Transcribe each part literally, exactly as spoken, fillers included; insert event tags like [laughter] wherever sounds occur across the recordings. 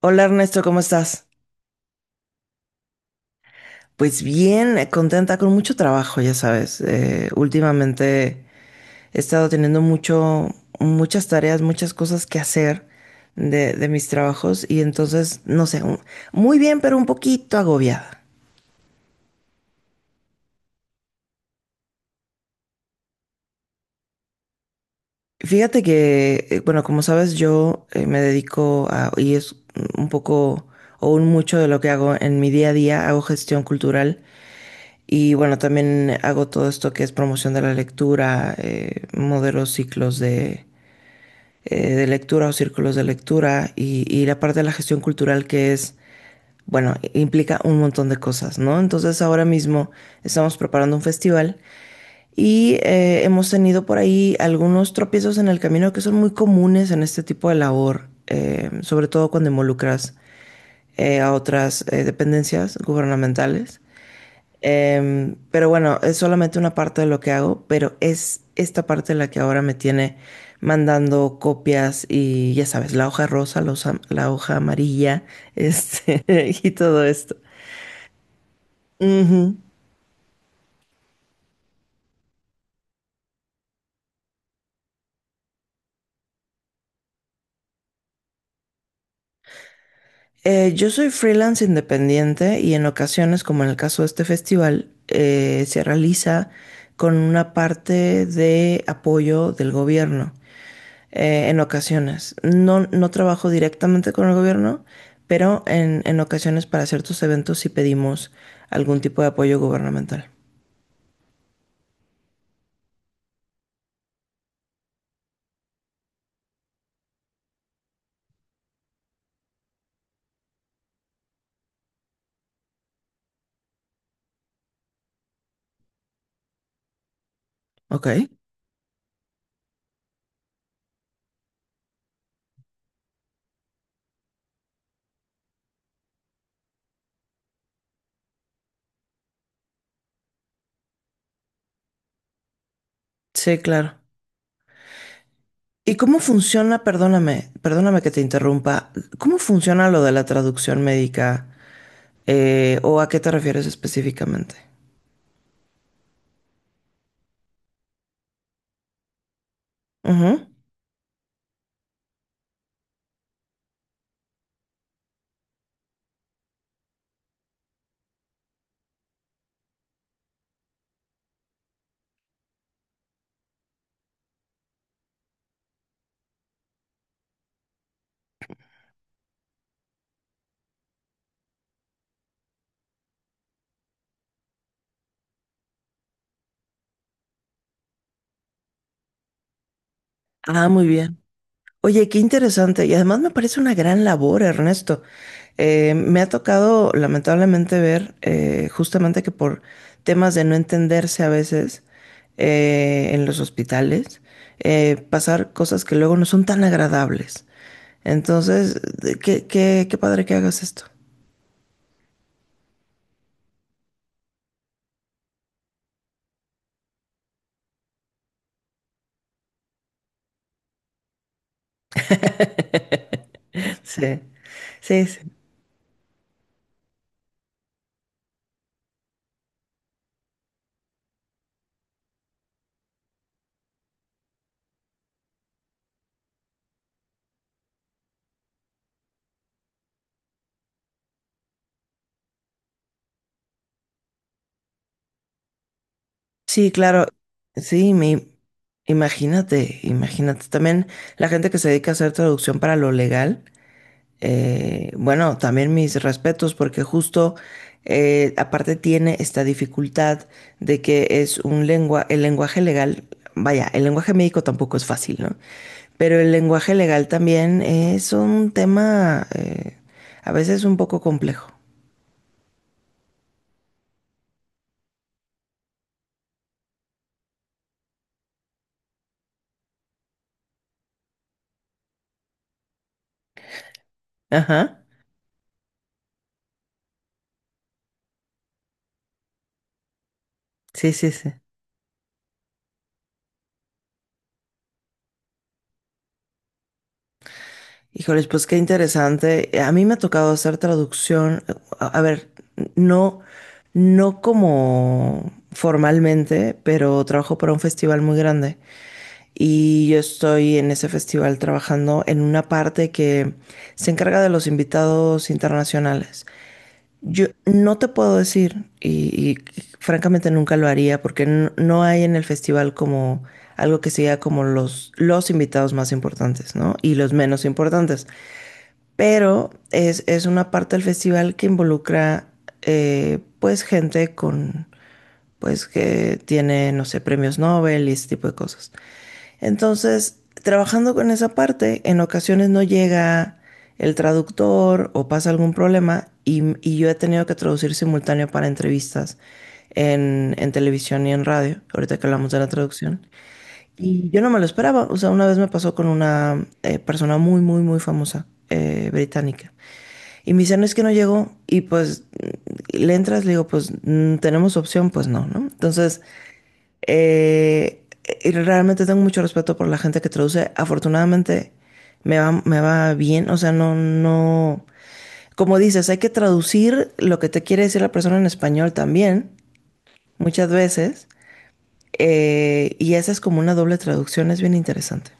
Hola Ernesto, ¿cómo estás? Pues bien, eh, contenta con mucho trabajo, ya sabes. Eh, últimamente he estado teniendo mucho, muchas tareas, muchas cosas que hacer de, de mis trabajos y entonces, no sé, un- muy bien, pero un poquito agobiada. Fíjate que, eh, bueno, como sabes, yo eh, me dedico a, y es un poco o un mucho de lo que hago en mi día a día, hago gestión cultural y bueno, también hago todo esto que es promoción de la lectura, eh, modelo ciclos de, eh, de lectura o círculos de lectura y, y la parte de la gestión cultural que es, bueno, implica un montón de cosas, ¿no? Entonces ahora mismo estamos preparando un festival y eh, hemos tenido por ahí algunos tropiezos en el camino que son muy comunes en este tipo de labor, eh, sobre todo cuando involucras eh, a otras eh, dependencias gubernamentales. Em, pero bueno, es solamente una parte de lo que hago, pero es esta parte la que ahora me tiene mandando copias y ya sabes, la hoja rosa, la hoja, la hoja amarilla, este, [laughs] y todo esto. Ujú. Eh, yo soy freelance independiente y en ocasiones, como en el caso de este festival, eh, se realiza con una parte de apoyo del gobierno. Eh, en ocasiones. No, no trabajo directamente con el gobierno, pero en, en ocasiones para ciertos eventos sí pedimos algún tipo de apoyo gubernamental. Ok. Sí, claro. ¿Y cómo funciona, perdóname, perdóname que te interrumpa, cómo funciona lo de la traducción médica? Eh, ¿o a qué te refieres específicamente? Ujú. Ah, muy bien. Oye, qué interesante. Y además me parece una gran labor, Ernesto. Eh, me ha tocado lamentablemente ver eh, justamente que por temas de no entenderse a veces eh, en los hospitales, eh, pasar cosas que luego no son tan agradables. Entonces, de- qué, qué, qué padre que hagas esto. [laughs] Sí, sí, sí. Sí, claro. Sí, me imagínate, imagínate. También la gente que se dedica a hacer traducción para lo legal, eh, bueno, también mis respetos, porque justo eh, aparte tiene esta dificultad de que es un lengua, el lenguaje legal, vaya, el lenguaje médico tampoco es fácil, ¿no? Pero el lenguaje legal también es un tema eh, a veces un poco complejo. Ajá. Sí, sí, sí. Híjoles, pues qué interesante. Eh, A mí me ha tocado hacer traducción, eh, a, a ver, no, no como formalmente, pero trabajo para un festival muy grande y yo estoy en ese festival trabajando en una parte que se encarga de los invitados internacionales. Yo no te puedo decir y, y francamente nunca lo haría porque no, no hay en el festival como algo que sea como los, los invitados más importantes, ¿no? Y los menos importantes. Pero es, es una parte del festival que involucra eh, pues gente con pues que tiene, no sé, premios Nobel y ese tipo de cosas. Entonces, trabajando con esa parte, en ocasiones no llega el traductor o pasa algún problema y, y yo he tenido que traducir simultáneo para entrevistas en, en televisión y en radio, ahorita que hablamos de la traducción. Y yo no me lo esperaba, o sea, una vez me pasó con una eh, persona muy, muy, muy famosa eh, británica. Y me dice, no es que no llegó. Y pues le entras, le digo, pues mm, tenemos opción, pues no, ¿no? Entonces, eh, realmente tengo mucho respeto por la gente que traduce. Afortunadamente me va, me va bien. O sea, no, no. Como dices, hay que traducir lo que te quiere decir la persona en español también, muchas veces. Eh, y esa es como una doble traducción, es bien interesante.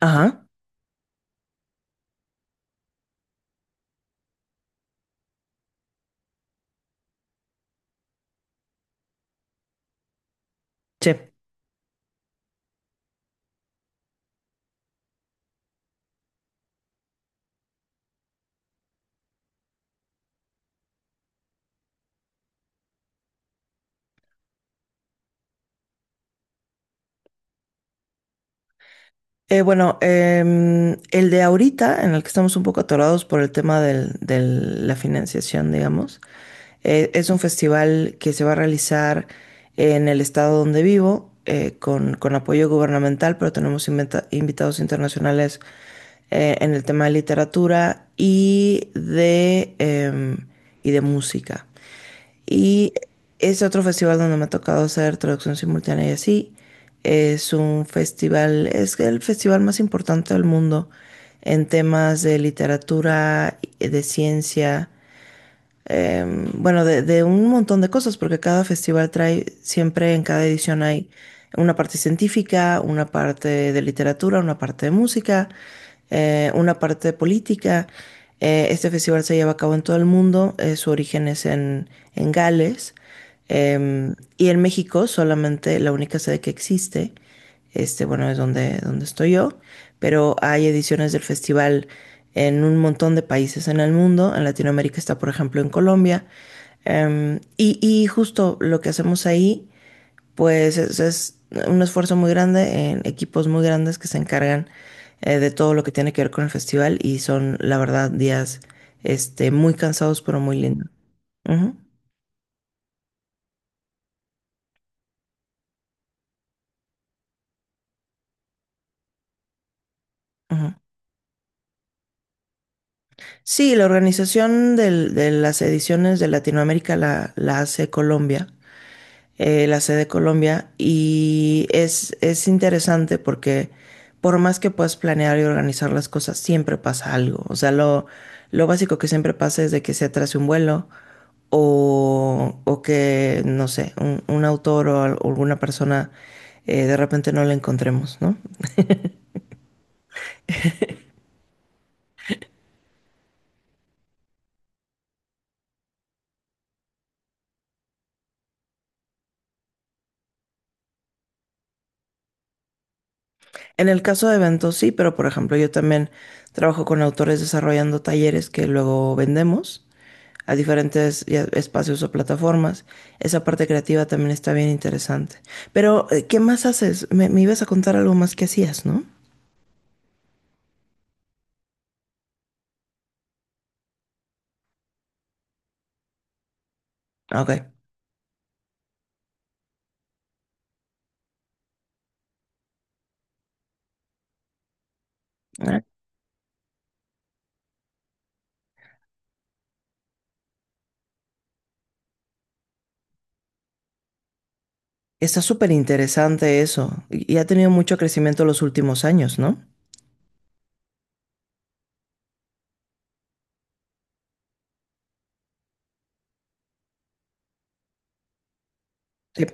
Ajá. Sí. Eh, bueno, em, el de ahorita, en el que estamos un poco atorados por el tema del- de la financiación, digamos, eh, es un festival que se va a realizar en el estado donde vivo, eh, con, con apoyo gubernamental, pero tenemos inventa- invitados internacionales eh, en el tema de literatura y de, em, y de música. Y es otro festival donde me ha tocado hacer traducción simultánea y así. Es un festival, es el festival más importante del mundo en temas de literatura, de ciencia eh, bueno, de, de un montón de cosas, porque cada festival trae, siempre en cada edición hay una parte científica, una parte de literatura, una parte de música, eh, una parte de política. Eh, este festival se lleva a cabo en todo el mundo, eh, su origen es en, en Gales, em, y en México solamente la única sede que existe, este, bueno, es donde, donde estoy yo, pero hay ediciones del festival en un montón de países en el mundo. En Latinoamérica está, por ejemplo, en Colombia. Em, y, y justo lo que hacemos ahí, pues es, es un esfuerzo muy grande en equipos muy grandes que se encargan eh, de todo lo que tiene que ver con el festival y son, la verdad, días este, muy cansados, pero muy lindos. Ujú, ujú. Sí, la organización del- de las ediciones de Latinoamérica la, la hace Colombia. Eh, la sede Colombia, y es, es interesante porque por más que puedas planear y organizar las cosas, siempre pasa algo. O sea, lo, lo básico que siempre pasa es de que se atrase un vuelo o, o que, no sé, un, un autor o al- o alguna persona eh, de repente no la encontremos, ¿no? En el caso de eventos sí, pero por ejemplo yo también trabajo con autores desarrollando talleres que luego vendemos a diferentes ya, espacios o plataformas. Esa parte creativa también está bien interesante. Pero, eh, ¿qué más haces? Me, me ibas a contar algo más que hacías, ¿no? Ah, ok. Ah, está súper interesante eso. Y y ha tenido mucho crecimiento los últimos años, ¿no? Sí,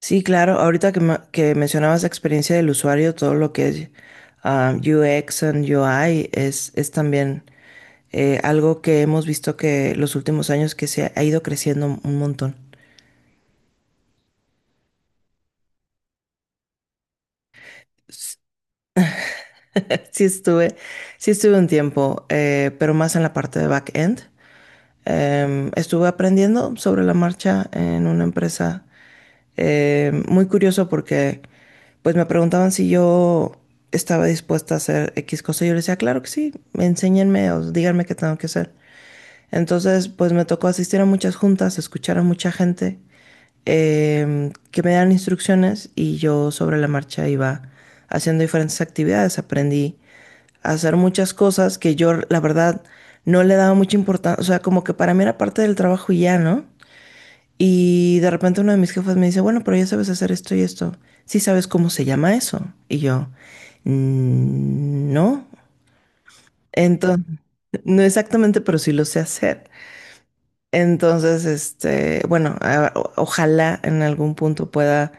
sí, claro. Ahorita que, ma- que mencionabas la experiencia del usuario, todo lo que es ah, U X and U I es, es también eh, algo que hemos visto que los últimos años que se ha ido creciendo un montón. [laughs] Sí estuve, sí estuve un tiempo, eh, pero más en la parte de back-end. Em, estuve aprendiendo sobre la marcha en una empresa. Em, muy curioso porque pues me preguntaban si yo estaba dispuesta a hacer X cosa. Yo les decía, claro que sí, enséñenme o díganme qué tengo que hacer. Entonces, pues me tocó asistir a muchas juntas, escuchar a mucha gente, eh, que me dan instrucciones y yo sobre la marcha iba haciendo diferentes actividades. Aprendí a hacer muchas cosas que yo, la verdad, no le daba mucha importancia. O sea, como que para mí era parte del trabajo y ya, ¿no? Y de repente uno de mis jefes me dice, bueno, pero ya sabes hacer esto y esto. Sí sabes cómo se llama eso. Y yo, "Mm, no." Entonces, [laughs] no exactamente, pero sí lo sé hacer. Entonces, este, bueno, a- o- ojalá en algún punto pueda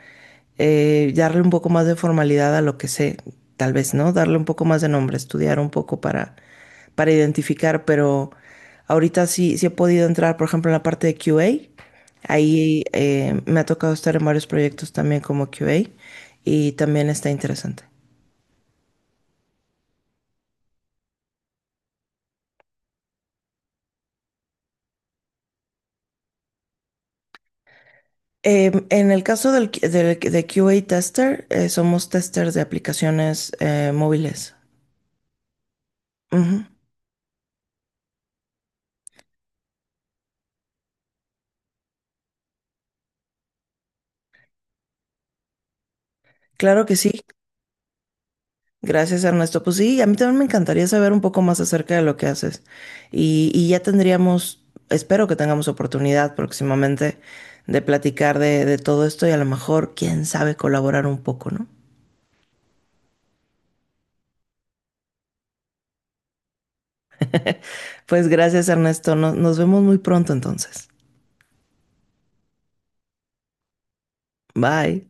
eh, darle un poco más de formalidad a lo que sé, tal vez, ¿no? Darle un poco más de nombre, estudiar un poco para, para identificar, pero ahorita sí, sí he podido entrar, por ejemplo, en la parte de Q A. Ahí eh, me ha tocado estar en varios proyectos también como Q A y también está interesante. Em, en el caso del, Q- del- de Q A Tester, eh, somos testers de aplicaciones eh, móviles. Ujú. Claro que sí, gracias Ernesto. Pues sí, a mí también me encantaría saber un poco más acerca de lo que haces. Y, y ya tendríamos, espero que tengamos oportunidad próximamente de platicar de, de todo esto y a lo mejor, quién sabe, colaborar un poco, ¿no? Pues gracias Ernesto, No- nos vemos muy pronto entonces. Bye.